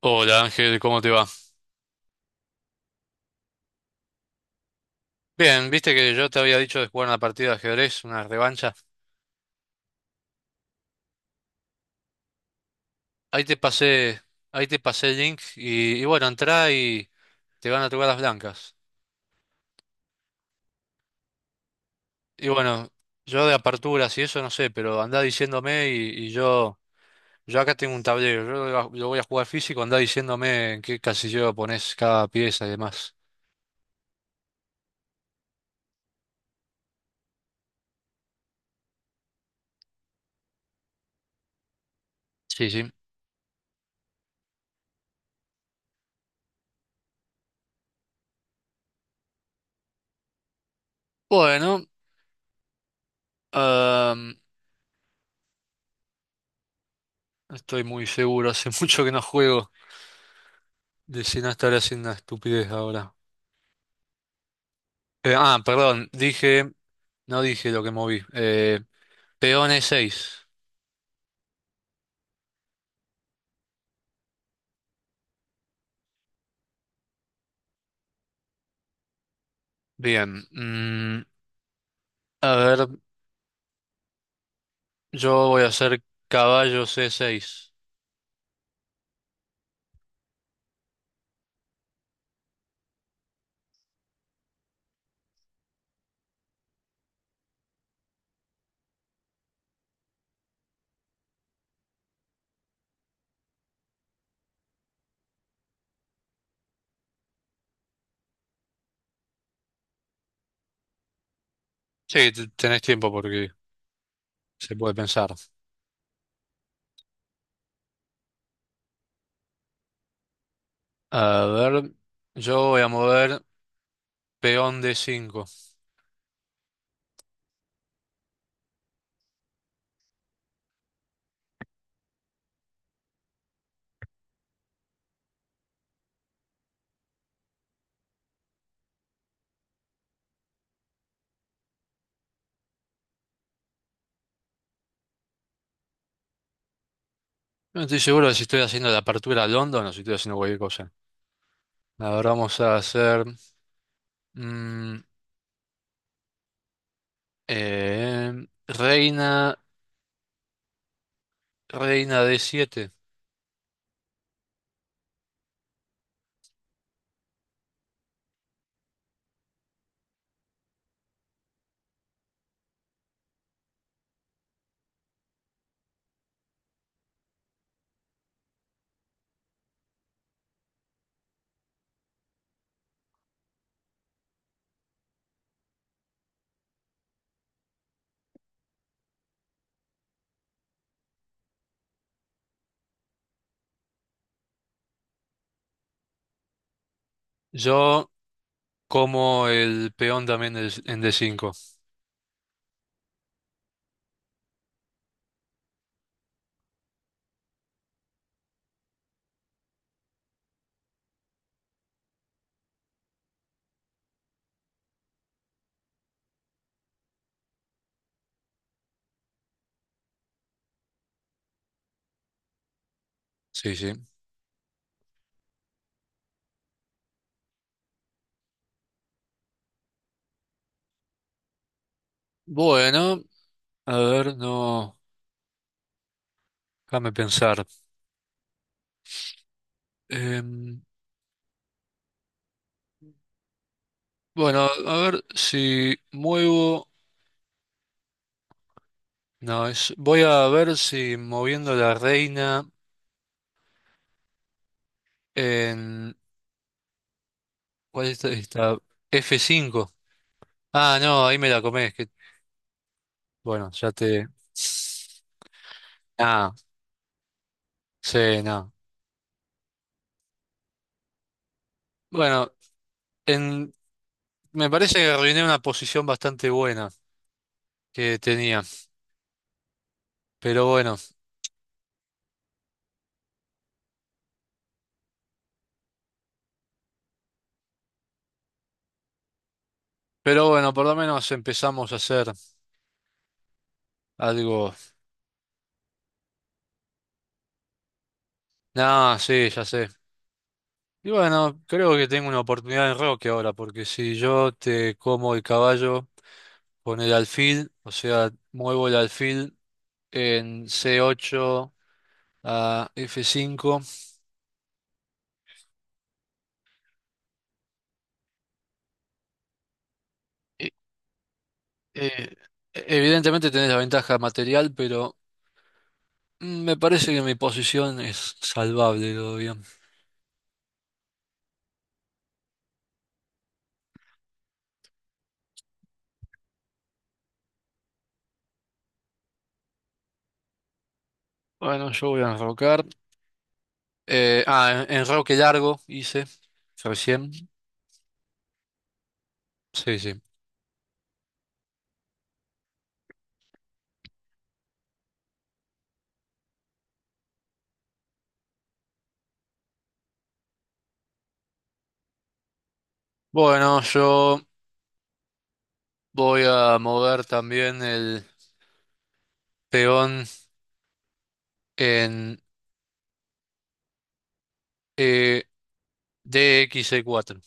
Hola Ángel, ¿cómo te va? Bien, viste que yo te había dicho de jugar una partida de ajedrez, una revancha. Ahí te pasé, ahí te pasé el link y bueno, entrá y te van a tocar las blancas. Y bueno, yo de aperturas y eso no sé, pero andá diciéndome y yo acá tengo un tablero, lo voy a jugar físico, andá diciéndome en qué casillero pones cada pieza y demás. Sí, sí. Bueno, ah, estoy muy seguro, hace mucho que no juego, de si no estaré haciendo una estupidez ahora. Perdón, no dije lo que moví. Peones 6. Bien. A ver, yo voy a hacer caballo C6. Sí, tenés tiempo porque se puede pensar. A ver, yo voy a mover peón D5. No estoy seguro de si estoy haciendo la apertura a London o no, si estoy haciendo cualquier cosa. Ahora vamos a hacer mm, eh, reina, reina D7. Yo Como el peón también en d cinco. Sí, sí. Bueno, a ver, no. Déjame pensar. Em, bueno, a ver si muevo. No, es, voy a ver si moviendo la reina en. ¿Cuál es esta? F cinco. Ah, no, ahí me la comés. Bueno, ya te. Ah, sí, no. Bueno, en, me parece que arruiné una posición bastante buena que tenía. Pero bueno. Pero bueno, por lo menos empezamos a hacer algo. Nah, sí, ya sé. Y bueno, creo que tengo una oportunidad en Roque ahora, porque si yo te como el caballo con el alfil, o sea, muevo el alfil en C8 a F5, e- eh, evidentemente tenés la ventaja material, pero me parece que mi posición es salvable todavía. Bueno, yo voy a enrocar. Enroque largo hice recién. Sí, sí. Bueno, yo voy a mover también el peón en eh, DXC4.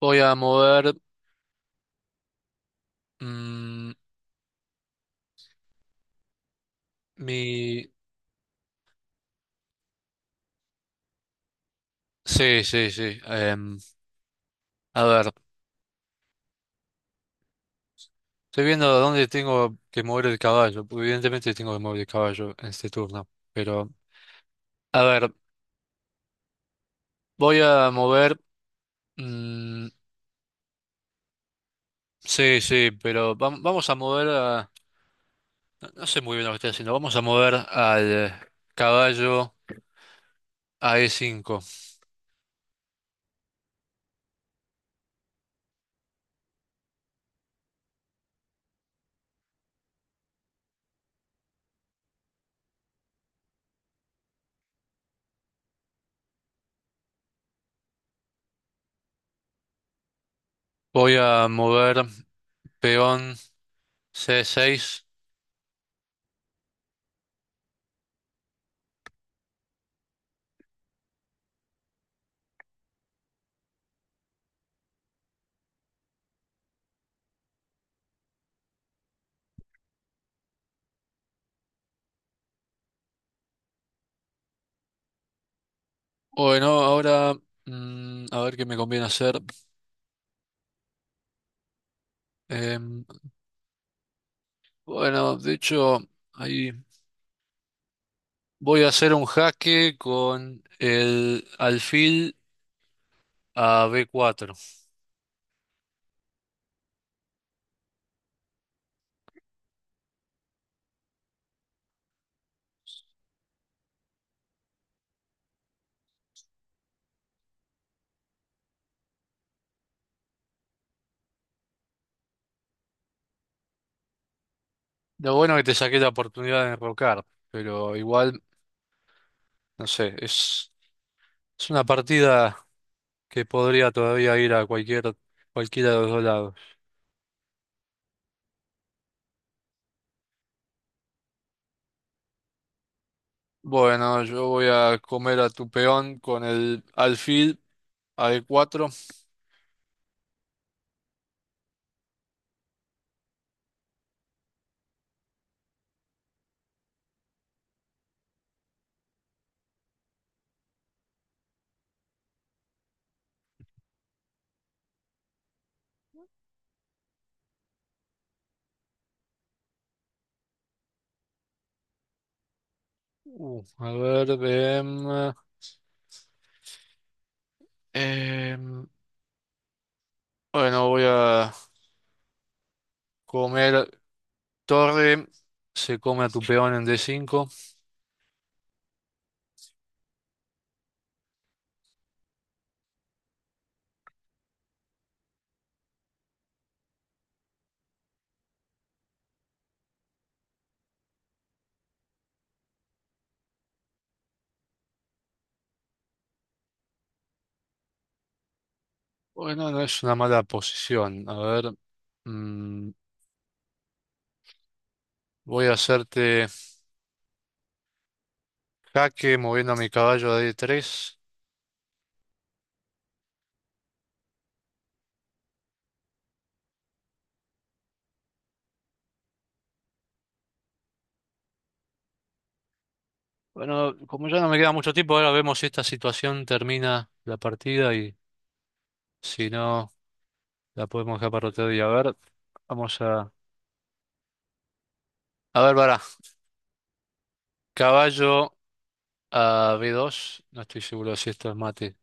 Voy a mover mm, mi... Sí, sí, sí. A ver, estoy viendo dónde tengo que mover el caballo. Porque evidentemente tengo que mover el caballo en este turno. Pero, a ver, voy a mover... mm, sí, sí, pero vamos a mover a... no sé muy bien lo que estoy haciendo. Vamos a mover al caballo a e cinco. Voy a mover peón c seis. Bueno, ahora a ver qué me conviene hacer. Em, bueno, de hecho, ahí voy a hacer un jaque con el alfil a b cuatro. Lo bueno que te saqué la oportunidad de enrocar, pero igual, no sé, es una partida que podría todavía ir a cualquiera de los dos lados. Bueno, yo voy a comer a tu peón con el alfil a d cuatro. A ver, em, bueno, voy a comer torre, se come a tu peón en D5. Bueno, no es una mala posición. A ver, mm, voy a hacerte jaque moviendo a mi caballo a D3. Bueno, como ya no me queda mucho tiempo, ahora vemos si esta situación termina la partida y si no, la podemos dejar para otro día. A ver, vamos a... A ver, para. Caballo a B2. No estoy seguro si esto es mate.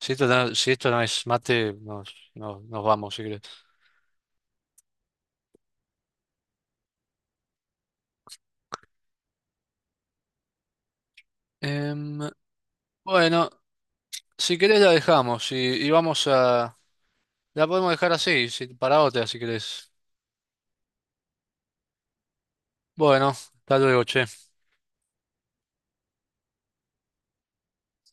Si esto no es mate, nos vamos, si querés. Em, bueno, si querés la dejamos y vamos a... La podemos dejar así, si, para otra, si querés. Bueno, hasta luego, che.